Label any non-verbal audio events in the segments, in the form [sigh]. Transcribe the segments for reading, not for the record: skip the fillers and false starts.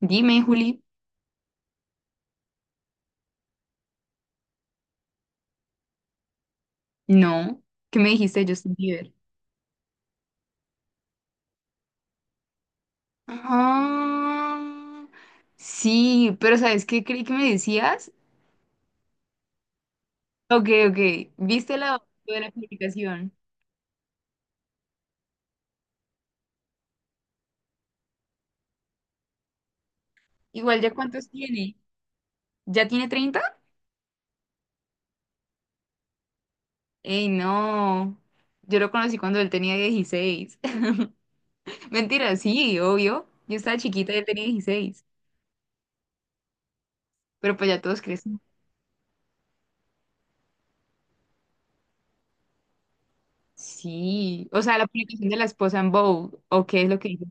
Dime, Juli. No. ¿Qué me dijiste de Justin Bieber? Ah, sí, pero ¿sabes qué creí que me decías? Ok, ok. ¿Viste la foto de la publicación? Igual, ¿ya cuántos tiene? ¿Ya tiene treinta? Ey, no. Yo lo conocí cuando él tenía 16. [laughs] Mentira, sí, obvio. Yo estaba chiquita y él tenía dieciséis. Pero pues ya todos crecen. Sí. O sea, la publicación de la esposa en Vogue, ¿o qué es lo que dice?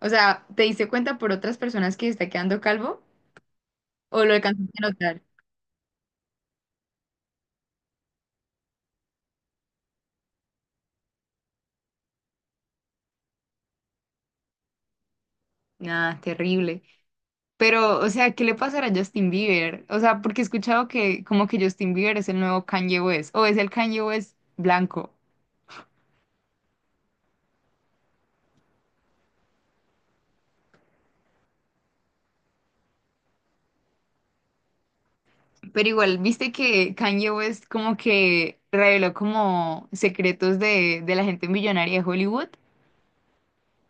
O sea, ¿te diste cuenta por otras personas que está quedando calvo o lo alcanzaste a notar? Nada, terrible. Pero, o sea, ¿qué le pasará a Justin Bieber? O sea, porque he escuchado que como que Justin Bieber es el nuevo Kanye West, o es el Kanye West blanco. Pero igual, viste que Kanye West como que reveló como secretos de la gente millonaria de Hollywood.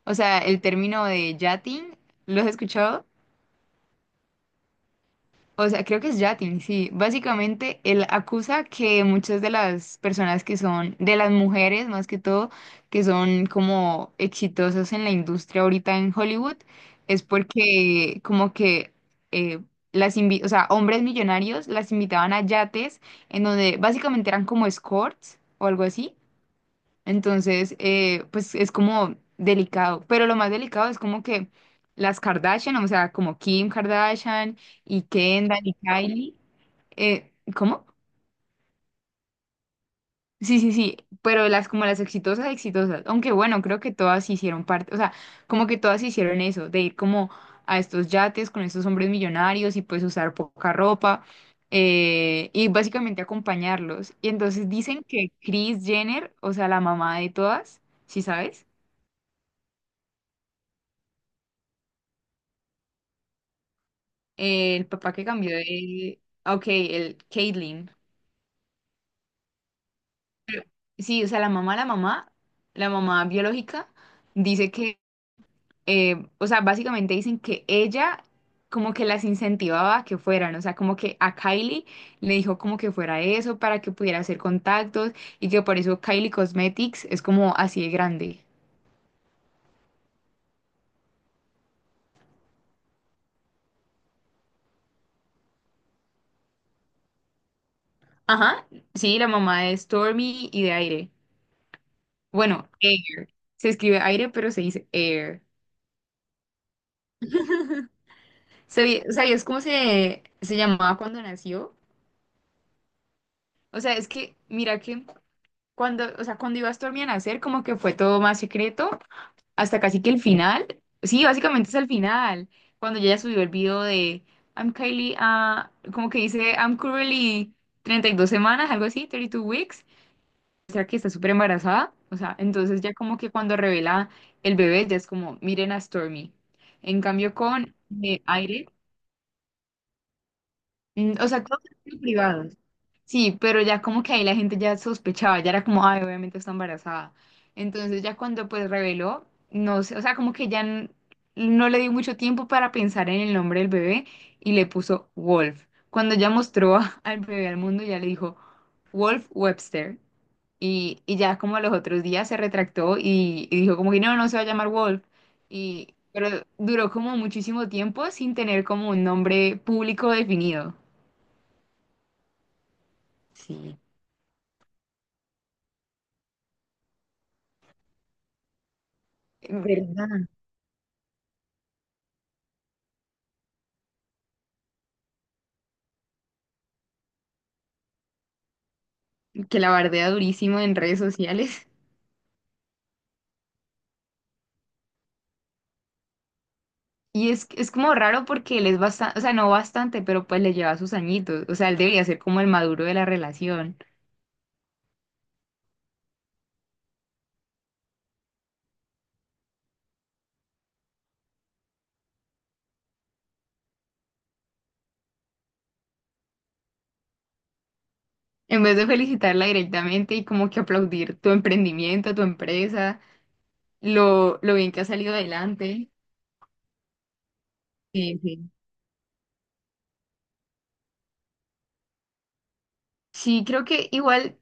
O sea, el término de yachting, ¿lo has escuchado? O sea, creo que es Yatin, sí. Básicamente, él acusa que muchas de las personas que son, de las mujeres más que todo, que son como exitosas en la industria ahorita en Hollywood, es porque como que eh, las invi- o sea, hombres millonarios las invitaban a yates en donde básicamente eran como escorts o algo así, entonces, pues es como delicado, pero lo más delicado es como que las Kardashian, o sea, como Kim Kardashian y Kendall y Kylie, ¿cómo? Sí, sí, sí, pero las como las exitosas, exitosas, aunque bueno, creo que todas hicieron parte, o sea, como que todas hicieron eso, de ir como a estos yates con estos hombres millonarios y pues usar poca ropa, y básicamente acompañarlos. Y entonces dicen que Kris Jenner, o sea, la mamá de todas, ¿sí sabes? El papá que cambió de... ah, Ok, el Caitlyn. Sí, o sea, la mamá, la mamá, la mamá biológica dice que, o sea, básicamente dicen que ella como que las incentivaba a que fueran, o sea, como que a Kylie le dijo como que fuera eso para que pudiera hacer contactos y que por eso Kylie Cosmetics es como así de grande. Ajá, sí, la mamá de Stormy y de Aire. Bueno, Air. Se escribe Aire, pero se dice Air. ¿Sabi- ¿Sabías cómo se, se llamaba cuando nació? O sea, es que, mira que cuando, o sea, cuando iba a Stormy a nacer, como que fue todo más secreto, hasta casi que el final. Sí, básicamente es el final, cuando ella subió el video de I'm Kylie, ah, como que dice I'm currently 32 semanas, algo así, 32 weeks. O sea, que está súper embarazada. O sea, entonces ya como que cuando revela el bebé, ya es como, miren a Stormy. En cambio con Aire. Mm, o sea, todos eran privados. Sí, pero ya como que ahí la gente ya sospechaba, ya era como, ay, obviamente está embarazada. Entonces ya cuando pues reveló, no sé, o sea, como que ya n- no le dio mucho tiempo para pensar en el nombre del bebé y le puso Wolf. Cuando ya mostró a- al bebé al mundo, ya le dijo Wolf Webster. Y ya como a los otros días se retractó y dijo como que no, no se va a llamar Wolf. Y, pero duró como muchísimo tiempo sin tener como un nombre público definido. Sí, verdad, que la bardea durísimo en redes sociales. Y es como raro porque él es bastante, o sea, no bastante, pero pues le lleva sus añitos. O sea, él debería ser como el maduro de la relación. En vez de felicitarla directamente y como que aplaudir tu emprendimiento, tu empresa, lo bien que ha salido adelante. Sí, sí. Sí, creo que igual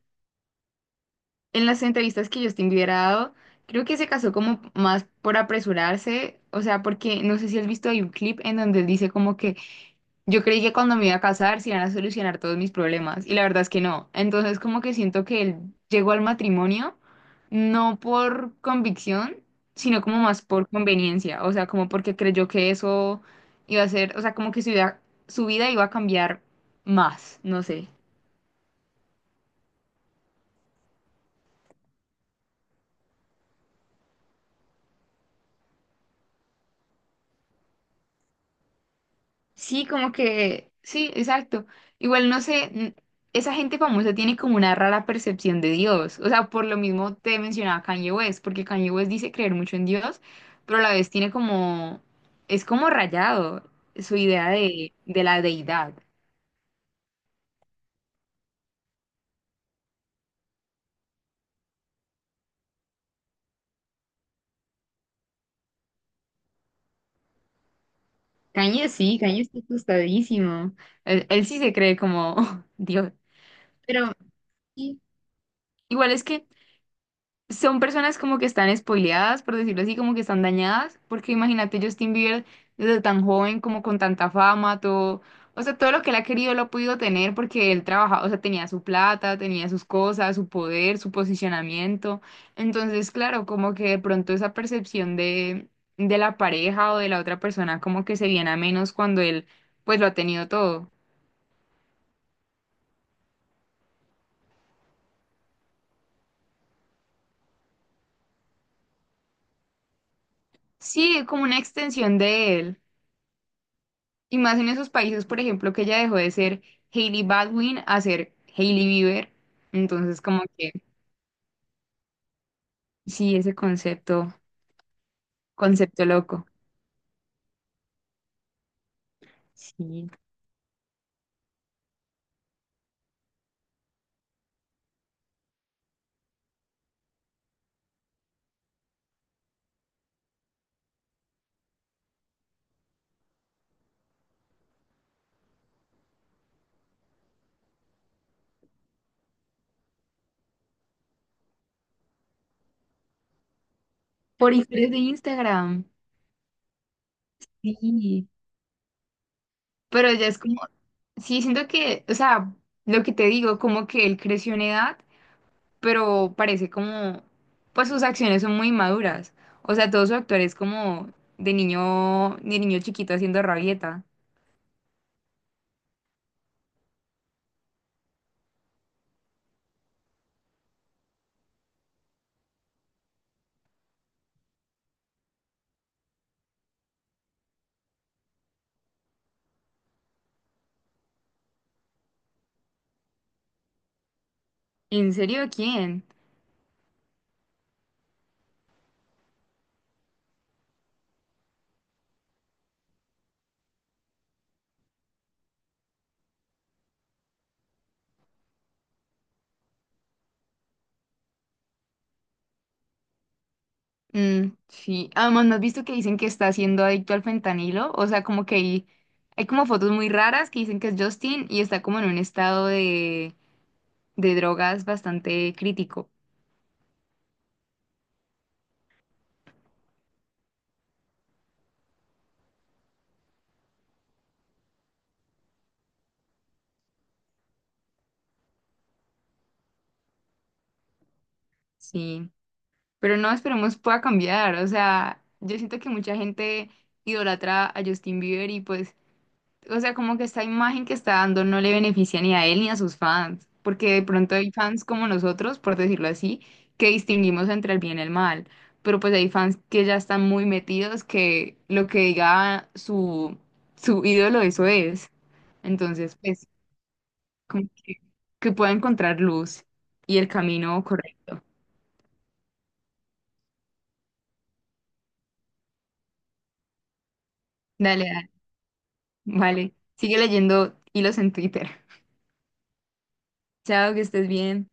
en las entrevistas que Justin Bieber ha dado, creo que se casó como más por apresurarse, o sea, porque no sé si has visto, hay un clip en donde él dice como que yo creí que cuando me iba a casar se iban a solucionar todos mis problemas y la verdad es que no. Entonces como que siento que él llegó al matrimonio no por convicción, sino como más por conveniencia, o sea, como porque creyó que eso iba a ser, o sea, como que su vida iba a cambiar más, no sé. Sí, como que, sí, exacto. Igual no sé, n- esa gente famosa tiene como una rara percepción de Dios. O sea, por lo mismo te mencionaba Kanye West, porque Kanye West dice creer mucho en Dios, pero a la vez tiene como, es como rayado su idea de la deidad. Kanye sí, Kanye está asustadísimo. Él sí se cree como [laughs] Dios. Pero sí, igual es que son personas como que están spoileadas, por decirlo así, como que están dañadas, porque imagínate Justin Bieber desde tan joven, como con tanta fama, todo, o sea, todo lo que él ha querido lo ha podido tener porque él trabajaba, o sea, tenía su plata, tenía sus cosas, su poder, su posicionamiento. Entonces, claro, como que de pronto esa percepción de la pareja o de la otra persona como que se viene a menos cuando él, pues, lo ha tenido todo. Sí, como una extensión de él. Y más en esos países, por ejemplo, que ella dejó de ser Hailey Baldwin a ser Hailey Bieber. Entonces, como que sí, ese concepto, concepto loco. Sí. Por historias de Instagram. Sí. Pero ya es como, sí, siento que, o sea, lo que te digo, como que él creció en edad, pero parece como, pues sus acciones son muy maduras. O sea, todo su actuar es como de niño chiquito haciendo rabieta. ¿En serio quién? Mm, sí, además, ¿no has visto que dicen que está siendo adicto al fentanilo? O sea, como que hay como fotos muy raras que dicen que es Justin y está como en un estado de drogas bastante crítico, sí. Pero no, esperemos pueda cambiar, o sea, yo siento que mucha gente idolatra a Justin Bieber y pues, o sea, como que esta imagen que está dando no le beneficia ni a él ni a sus fans, porque de pronto hay fans como nosotros, por decirlo así, que distinguimos entre el bien y el mal, pero pues hay fans que ya están muy metidos que lo que diga su, su ídolo eso es. Entonces, pues, como que pueda encontrar luz y el camino correcto. Dale, dale, vale. Sigue leyendo hilos en Twitter. Chao, que estés bien.